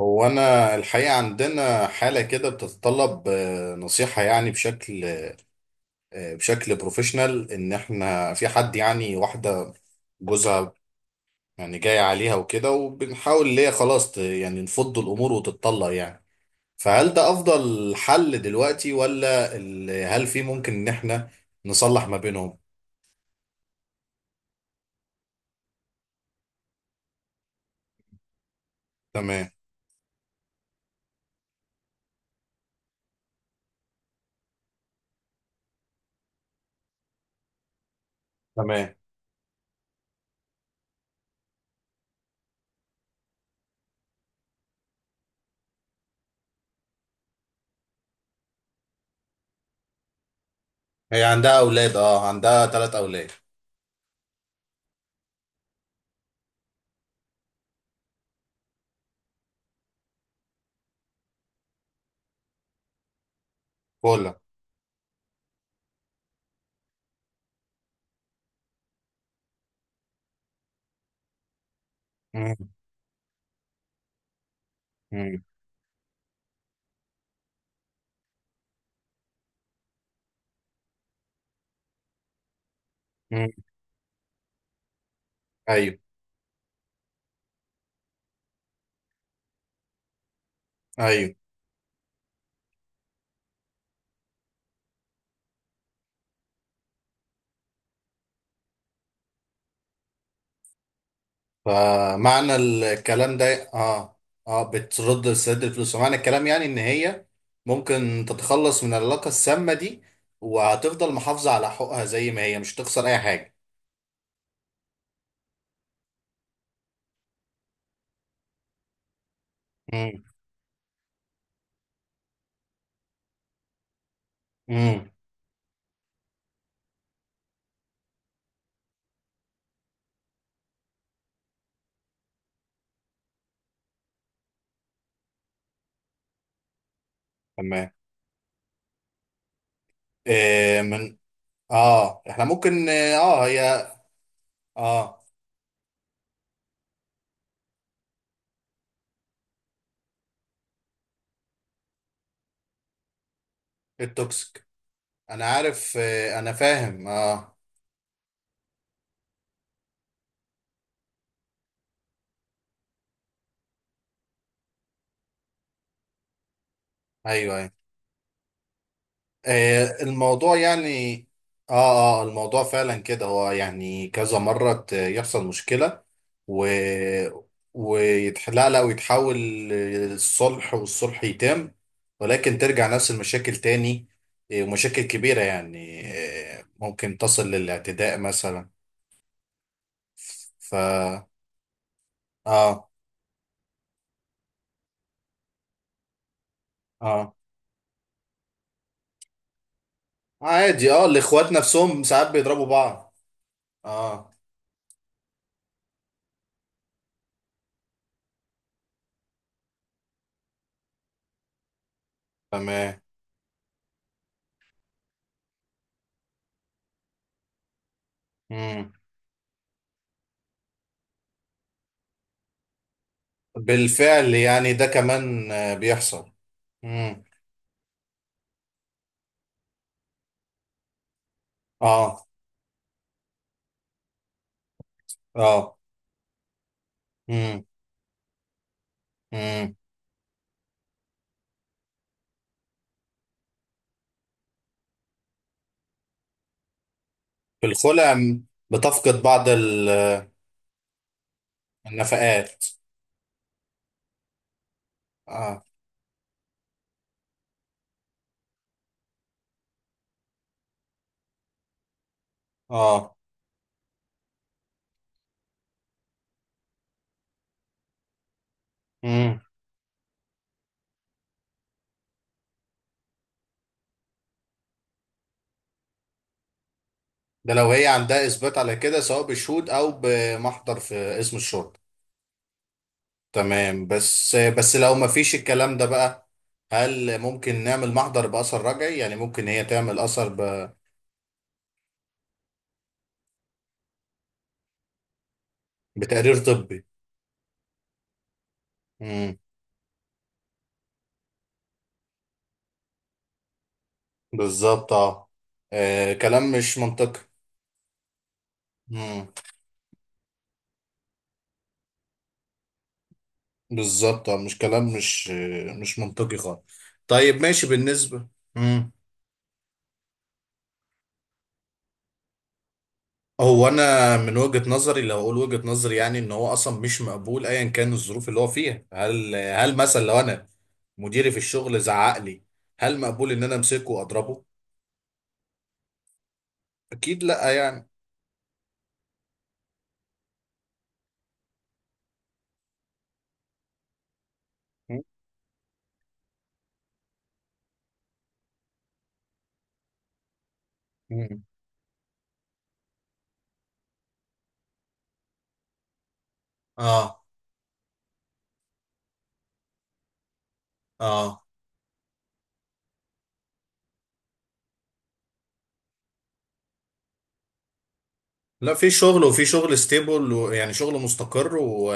هو أنا الحقيقة عندنا حالة كده بتتطلب نصيحة يعني بشكل، بشكل بروفيشنال، إن إحنا في حد يعني واحدة جوزها يعني جاي عليها وكده، وبنحاول اللي هي خلاص يعني نفض الأمور وتتطلق يعني. فهل ده أفضل حل دلوقتي، ولا هل في ممكن إن إحنا نصلح ما بينهم؟ تمام. تمام. هي عندها أولاد، أه، عندها 3 أولاد. كولا. مم. مم. مم. أيوه. أيوه. فمعنى الكلام ده، اه. اه، بترد لسداد الفلوس، ومعنى الكلام يعني ان هي ممكن تتخلص من العلاقة السامة دي، وهتفضل محافظة على حقوقها زي ما هي، مش تخسر اي حاجة. امم. امم. تمام. إيه من؟ اه، احنا ممكن آه، هي، اه، التوكسيك. انا عارف، انا فاهم. اه. ايوه، ايوه. آه، الموضوع يعني، اه. اه، الموضوع فعلا كده. هو يعني كذا مرة يحصل مشكلة، و لا ويتحول للصلح، والصلح يتم، ولكن ترجع نفس المشاكل تاني. آه، ومشاكل كبيرة يعني، آه، ممكن تصل للاعتداء مثلا. ف. اه. اه، عادي. اه، الاخوات نفسهم ساعات بيضربوا بعض. اه. تمام. مم. بالفعل، يعني ده كمان بيحصل. امم. اه. اه. امم. امم. في الخلع بتفقد بعض النفقات. اه. اه. امم. ده لو هي عندها اثبات على كده، سواء بشهود او بمحضر في اسم الشرطه. تمام. بس لو ما فيش الكلام ده بقى، هل ممكن نعمل محضر باثر رجعي؟ يعني ممكن هي تعمل اثر بتقرير طبي؟ امم. بالظبط، اه. آه، كلام مش منطقي. مم. بالظبط، اه، مش كلام، مش منطقي خالص. طيب، ماشي بالنسبة. مم. هو انا من وجهة نظري، لو اقول وجهة نظري يعني، ان هو اصلا مش مقبول ايا كان الظروف اللي هو فيها. هل مثلا لو انا مديري في الشغل زعق لي، هل مقبول ان انا امسكه واضربه؟ اكيد لا يعني. مم. اه. اه، لا، في شغل، وفي شغل ستيبل، ويعني شغل مستقر و...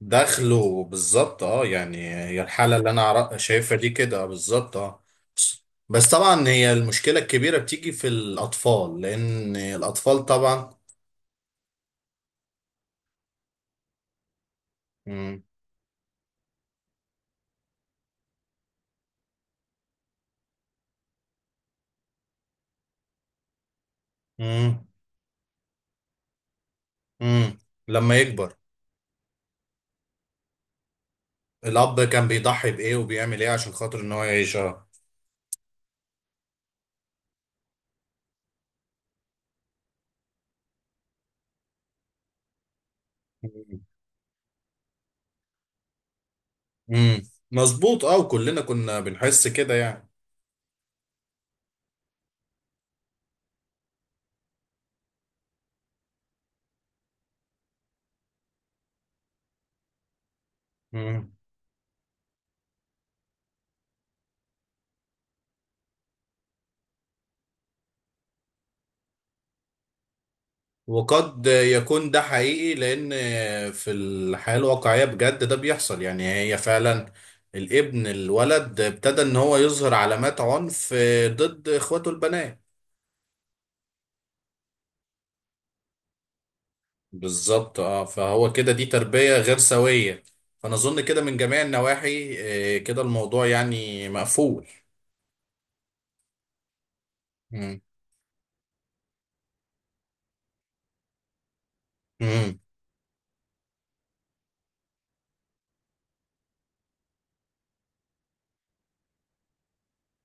دخله بالظبط، اه. يعني هي الحالة اللي انا شايفها دي كده، آه، بالظبط، اه. بس طبعا هي المشكلة الكبيرة بتيجي في الأطفال، لأن الأطفال طبعا. مم. مم. مم. لما يكبر. الأب كان بيضحي بإيه وبيعمل إيه عشان خاطر إن هو يعيش. اه. مم. مم. مظبوط، اه، وكلنا كنا بنحس كده يعني. وقد يكون ده حقيقي، لأن في الحياة الواقعية بجد ده بيحصل يعني. هي فعلا الولد ابتدى إن هو يظهر علامات عنف ضد إخواته البنات. بالظبط، اه. فهو كده، دي تربية غير سوية. فأنا أظن كده من جميع النواحي، آه، كده الموضوع يعني مقفول. مم. مم.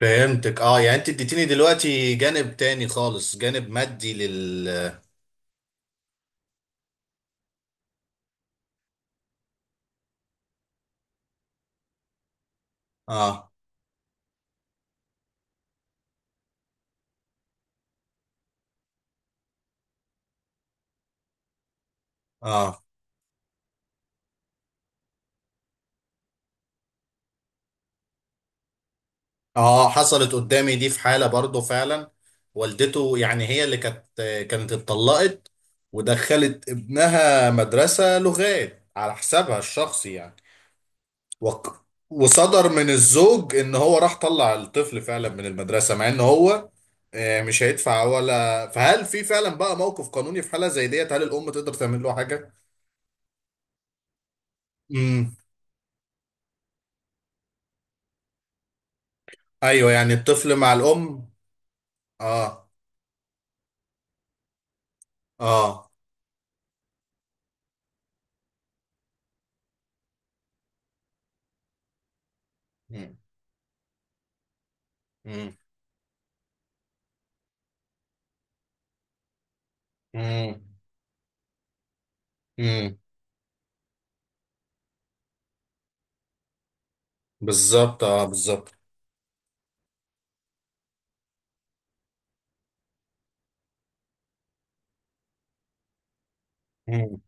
فهمتك، اه. يعني انت اديتيني دلوقتي جانب تاني خالص، جانب مادي لل. اه. اه. اه، حصلت قدامي دي في حالة برضه فعلا. والدته، يعني هي اللي كانت، اتطلقت ودخلت ابنها مدرسة لغات على حسابها الشخصي يعني. وصدر من الزوج ان هو راح طلع الطفل فعلا من المدرسة، مع ان هو، آه، مش هيدفع ولا. فهل في فعلا بقى موقف قانوني في حالة زي ديت؟ هل الام تقدر تعمل له حاجة؟ امم. ايوه، يعني الطفل مع الام. اه. اه. امم. امم. امم. بالظبط، اه، بالظبط. مم.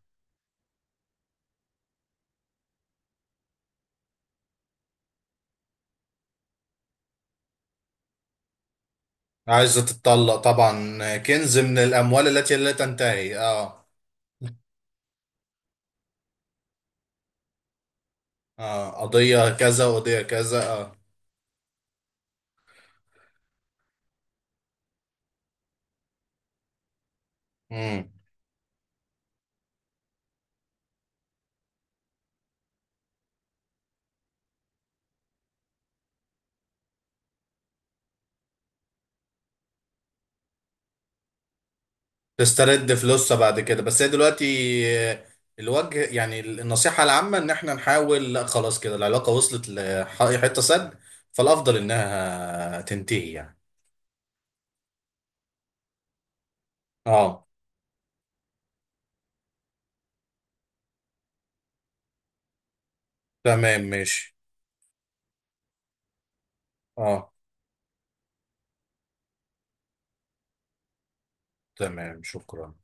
عايزة تتطلق طبعا، كنز من الأموال التي لا تنتهي. اه. اه، قضية كذا وقضية كذا. اه. مم. تسترد فلوسها بعد كده. بس هي دلوقتي، آه، الوجه يعني النصيحة العامة إن احنا نحاول، لا، خلاص كده العلاقة وصلت لحتة سد، فالأفضل إنها تنتهي يعني. اه. تمام، ماشي. اه. تمام، شكرا.